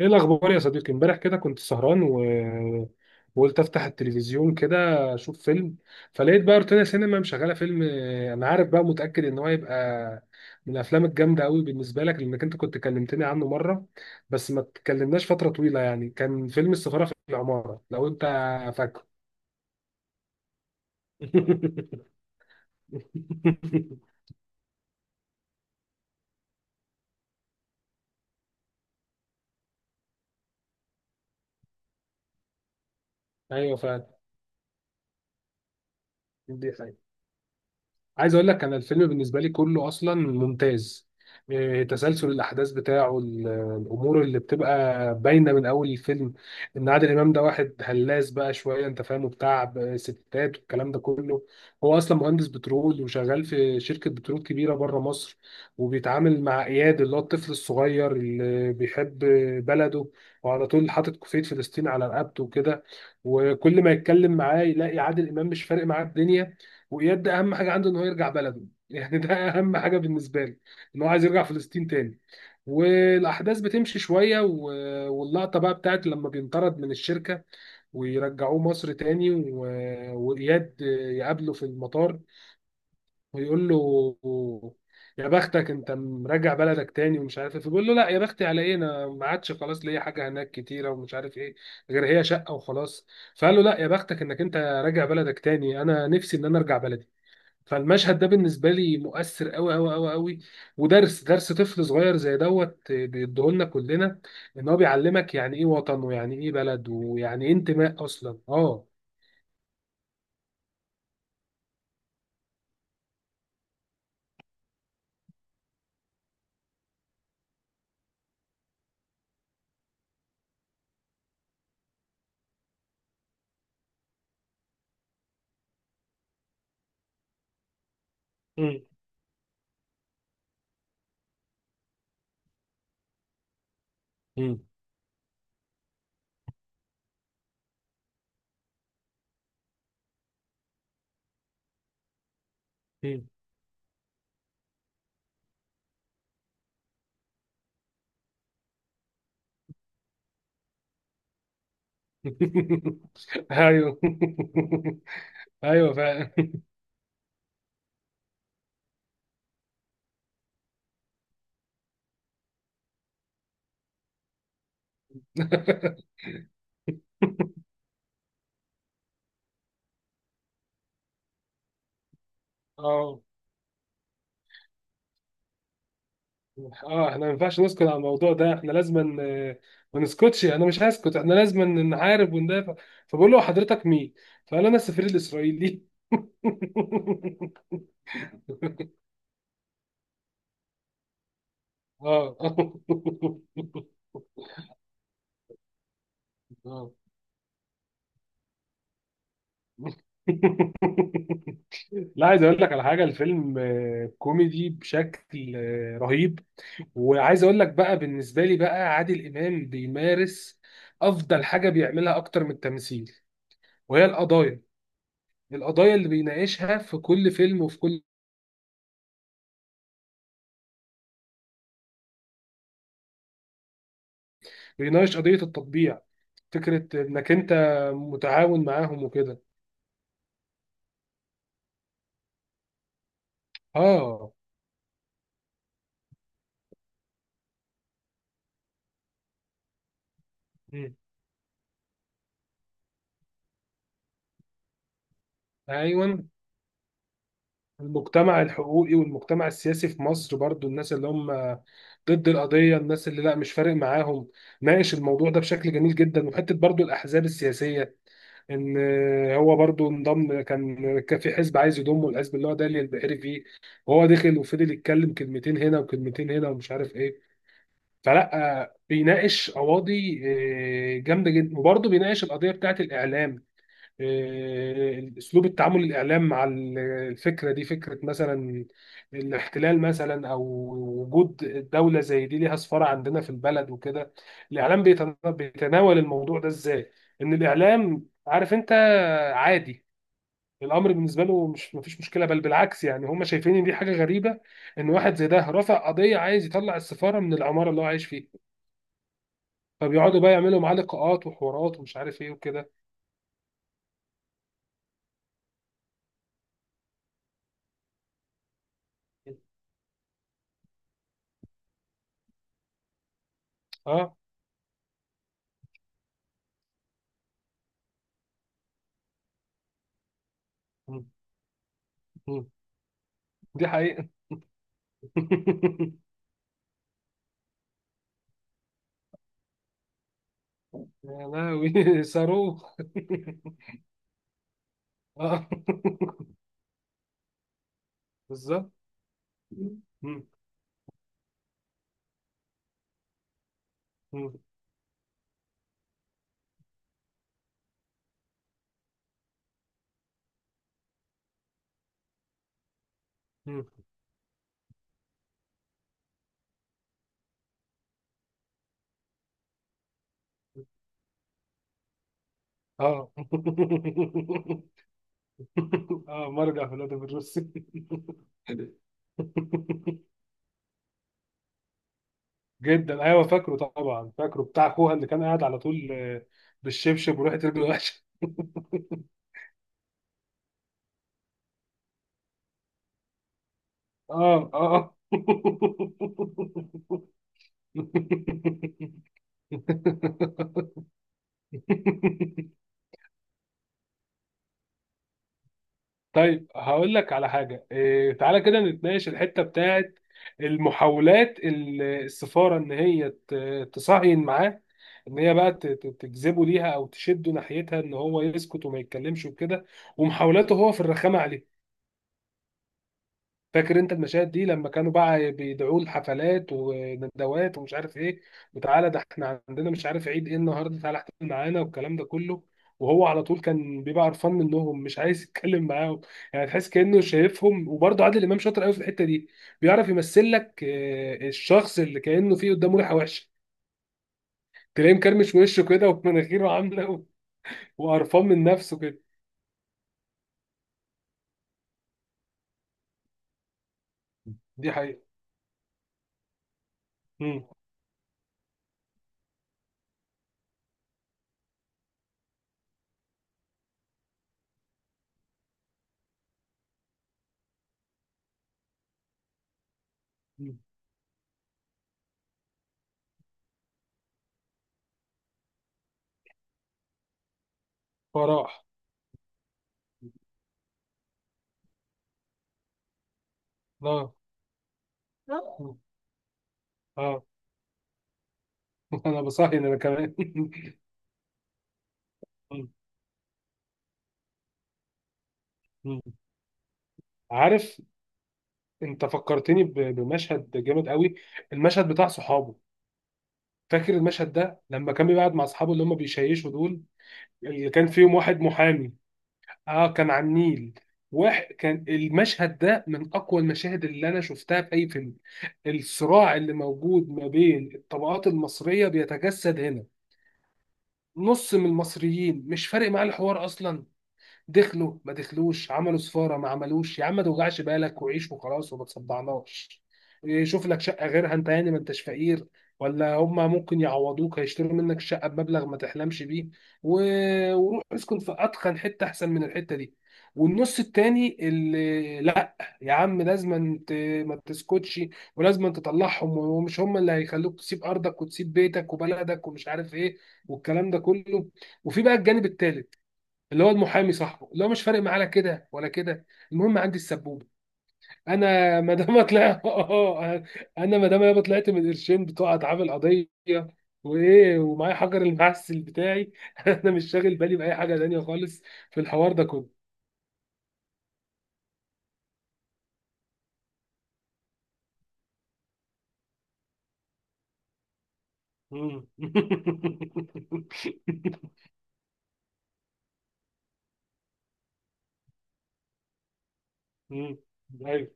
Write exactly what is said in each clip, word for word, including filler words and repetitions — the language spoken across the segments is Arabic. ايه الاخبار يا صديقي، امبارح كده كنت سهران و... وقلت افتح التلفزيون كده، اشوف فيلم. فلقيت بقى روتانا سينما مشغله فيلم، آه، انا عارف بقى متاكد ان هو يبقى من الافلام الجامده قوي بالنسبه لك لانك انت كنت كلمتني عنه مره، بس ما اتكلمناش فتره طويله. يعني كان فيلم السفاره في العماره، لو انت فاكره. ايوه فعلا. دي حقيقة. عايز اقول لك انا الفيلم بالنسبه لي كله اصلا ممتاز. إيه، تسلسل الاحداث بتاعه، ال- الامور اللي بتبقى باينه من اول الفيلم، ان عادل امام ده واحد هلاس بقى شويه، انت فاهمه، بتاع ب- ستات والكلام ده كله. هو اصلا مهندس بترول وشغال في شركه بترول كبيره بره مصر، وبيتعامل مع اياد اللي هو الطفل الصغير اللي بيحب بلده، وعلى طول حاطط كوفيه فلسطين على رقبته وكده. وكل ما يتكلم معاه يلاقي عادل امام مش فارق معاه الدنيا. وإياد ده أهم حاجة عنده إن هو يرجع بلده. يعني ده أهم حاجة بالنسبة لي، إن هو عايز يرجع فلسطين تاني. والأحداث بتمشي شوية، و- واللقطة بقى بتاعت لما بينطرد من الشركة ويرجعوه مصر تاني، و- وإياد يقابله في المطار ويقول له: يا بختك أنت مراجع بلدك تاني ومش عارف إيه. فبيقول له: لا، يا بختي على إيه، أنا ما عادش خلاص ليا حاجة هناك كتيرة ومش عارف إيه، غير هي شقة وخلاص. فقال له: لا، يا بختك إنك أنت راجع بلدك تاني، أنا نفسي إن أنا أرجع بلدي. فالمشهد ده بالنسبه لي مؤثر قوي قوي قوي قوي، ودرس درس طفل صغير زي دوت بيديهولنا كلنا. ان هو بيعلمك يعني ايه وطن، ويعني ايه بلد، ويعني ايه انتماء اصلا. اه. مم. مم. مم. ايوه. ايوه فعلا. اه. اه، احنا ما ينفعش نسكت على الموضوع ده، احنا لازم آه، ما نسكتش، انا مش هسكت، احنا لازم نحارب وندافع. فبقول له: حضرتك مين؟ فقال: انا السفير الاسرائيلي. اه. آه. لا، عايز اقول لك على حاجه، الفيلم آه، كوميدي بشكل آه، رهيب. وعايز اقول لك بقى بالنسبه لي، بقى عادل امام بيمارس افضل حاجه بيعملها اكتر من التمثيل، وهي القضايا. القضايا اللي بيناقشها في كل فيلم وفي كل، بيناقش قضيه التطبيع، فكره انك انت متعاون معاهم وكده. اه. مم. ايوه. المجتمع الحقوقي والمجتمع السياسي في مصر برضو، الناس اللي هم ضد القضية، الناس اللي لا مش فارق معاهم، ناقش الموضوع ده بشكل جميل جدا. وحتة برضو الأحزاب السياسية، ان هو برضو انضم، كان كان في حزب عايز يضمه، الحزب اللي هو دالي البحيري فيه، وهو دخل وفضل يتكلم كلمتين هنا وكلمتين هنا ومش عارف ايه. فلا بيناقش قواضي آه، جامده جدا، وبرضه بيناقش القضيه بتاعت الاعلام، آه، اسلوب التعامل الاعلام مع ال- الفكره دي، فكره مثلا الاحتلال مثلا، او وجود دوله زي دي ليها سفاره عندنا في البلد وكده. الاعلام بيتنا- بيتناول الموضوع ده ازاي، ان الاعلام عارف انت عادي، الامر بالنسبه له مش مفيش مشكله، بل بالعكس، يعني هم شايفين ان دي حاجه غريبه ان واحد زي ده رفع قضيه عايز يطلع السفاره من العماره اللي هو عايش فيها. فبيقعدوا بقى يعملوا معاه لقاءات وحوارات ومش عارف ايه وكده. اه. م- م. دي حقيقه. يا لهوي، صاروخ. اه. بالظبط. مم. مم. مم. اه. اه، مرجع فلاديمير الروسي. جدا، ايوه فاكره طبعا، فاكره بتاع اخوها اللي كان قاعد على طول آه، بالشبشب وراحت رجله وحشه. اه. اه. طيب، هقول لك على حاجة إيه، تعالى كده نتناقش الحتة بتاعت المحاولات ال- السفارة إن هي ت- تصهين معاه، إن هي بقى ت- ت- تجذبه ليها أو تشده ناحيتها إن هو يسكت وما يتكلمش وكده، ومحاولاته هو في الرخامة عليه. فاكر انت المشاهد دي لما كانوا بقى بيدعوه لحفلات وندوات ومش عارف ايه، وتعالى ده احنا عندنا مش عارف عيد ايه النهارده، تعالى احتفل معانا والكلام ده كله. وهو على طول كان بيبقى قرفان منهم، مش عايز يتكلم معاهم. يعني تحس كأنه شايفهم. وبرضه عادل امام شاطر قوي في الحتة دي، بيعرف يمثل لك آه، الشخص اللي كأنه فيه قدامه ريحة وحشة، تلاقيه مكرمش وشه كده ومناخيره عاملة، وقرفان من نفسه كده. دي حقيقة. مم. مم. فراح. اه. آه. اه. انا بصحي ان انا كمان. عارف، انت فكرتني ب- بمشهد جامد قوي، المشهد بتاع صحابه. فاكر المشهد ده لما كان بيقعد مع اصحابه اللي هم بيشيشوا دول، اللي كان فيهم واحد محامي. اه، كان على النيل، واحد كان، المشهد ده من اقوى المشاهد اللي انا شفتها في اي فيلم. الصراع اللي موجود ما بين الطبقات المصرية بيتجسد هنا. نص من المصريين مش فارق معاه الحوار اصلا، دخلوا ما دخلوش، عملوا سفاره ما عملوش، يا عم ما توجعش بالك وعيش وخلاص وما تصدعناش. إيه، شوف لك شقه غيرها، انت يعني ما انتش فقير، ولا هما ممكن يعوضوك، هيشتروا منك شقه بمبلغ ما تحلمش بيه، و- وروح اسكن في اتخن حته احسن من الحته دي. والنص التاني اللي لا، يا عم لازم انت ما تسكتش، ولازم تطلعهم، ومش هم اللي هيخلوك تسيب ارضك وتسيب بيتك وبلدك ومش عارف ايه والكلام ده كله. وفي بقى الجانب التالت، اللي هو المحامي صاحبه اللي هو مش فارق معاه لا كده ولا كده، المهم عندي السبوبه. انا ما دام اطلع، اه، انا ما دام يابا طلعت من القرشين بتوع اتعاب القضيه وايه ومعايا حجر المعسل بتاعي، انا مش شاغل بالي باي حاجه تانيه خالص. في الحوار ده كله. مم. مم. ايوه.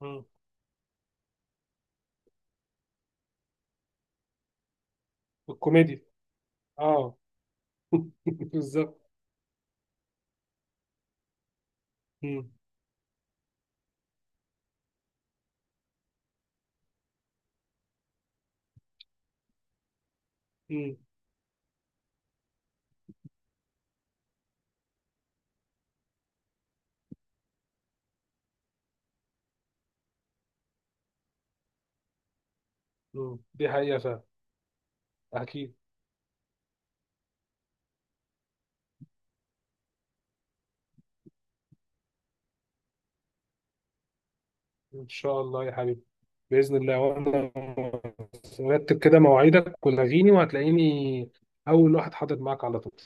مم. الكوميديا. اه. بالظبط. مم. مم. مم. دي حقيقه فعلا. اكيد. إن شاء الله يا حبيبي، بإذن الله، وأنا رتب كده مواعيدك ولغيني وهتلاقيني أول واحد حاضر معاك على طول.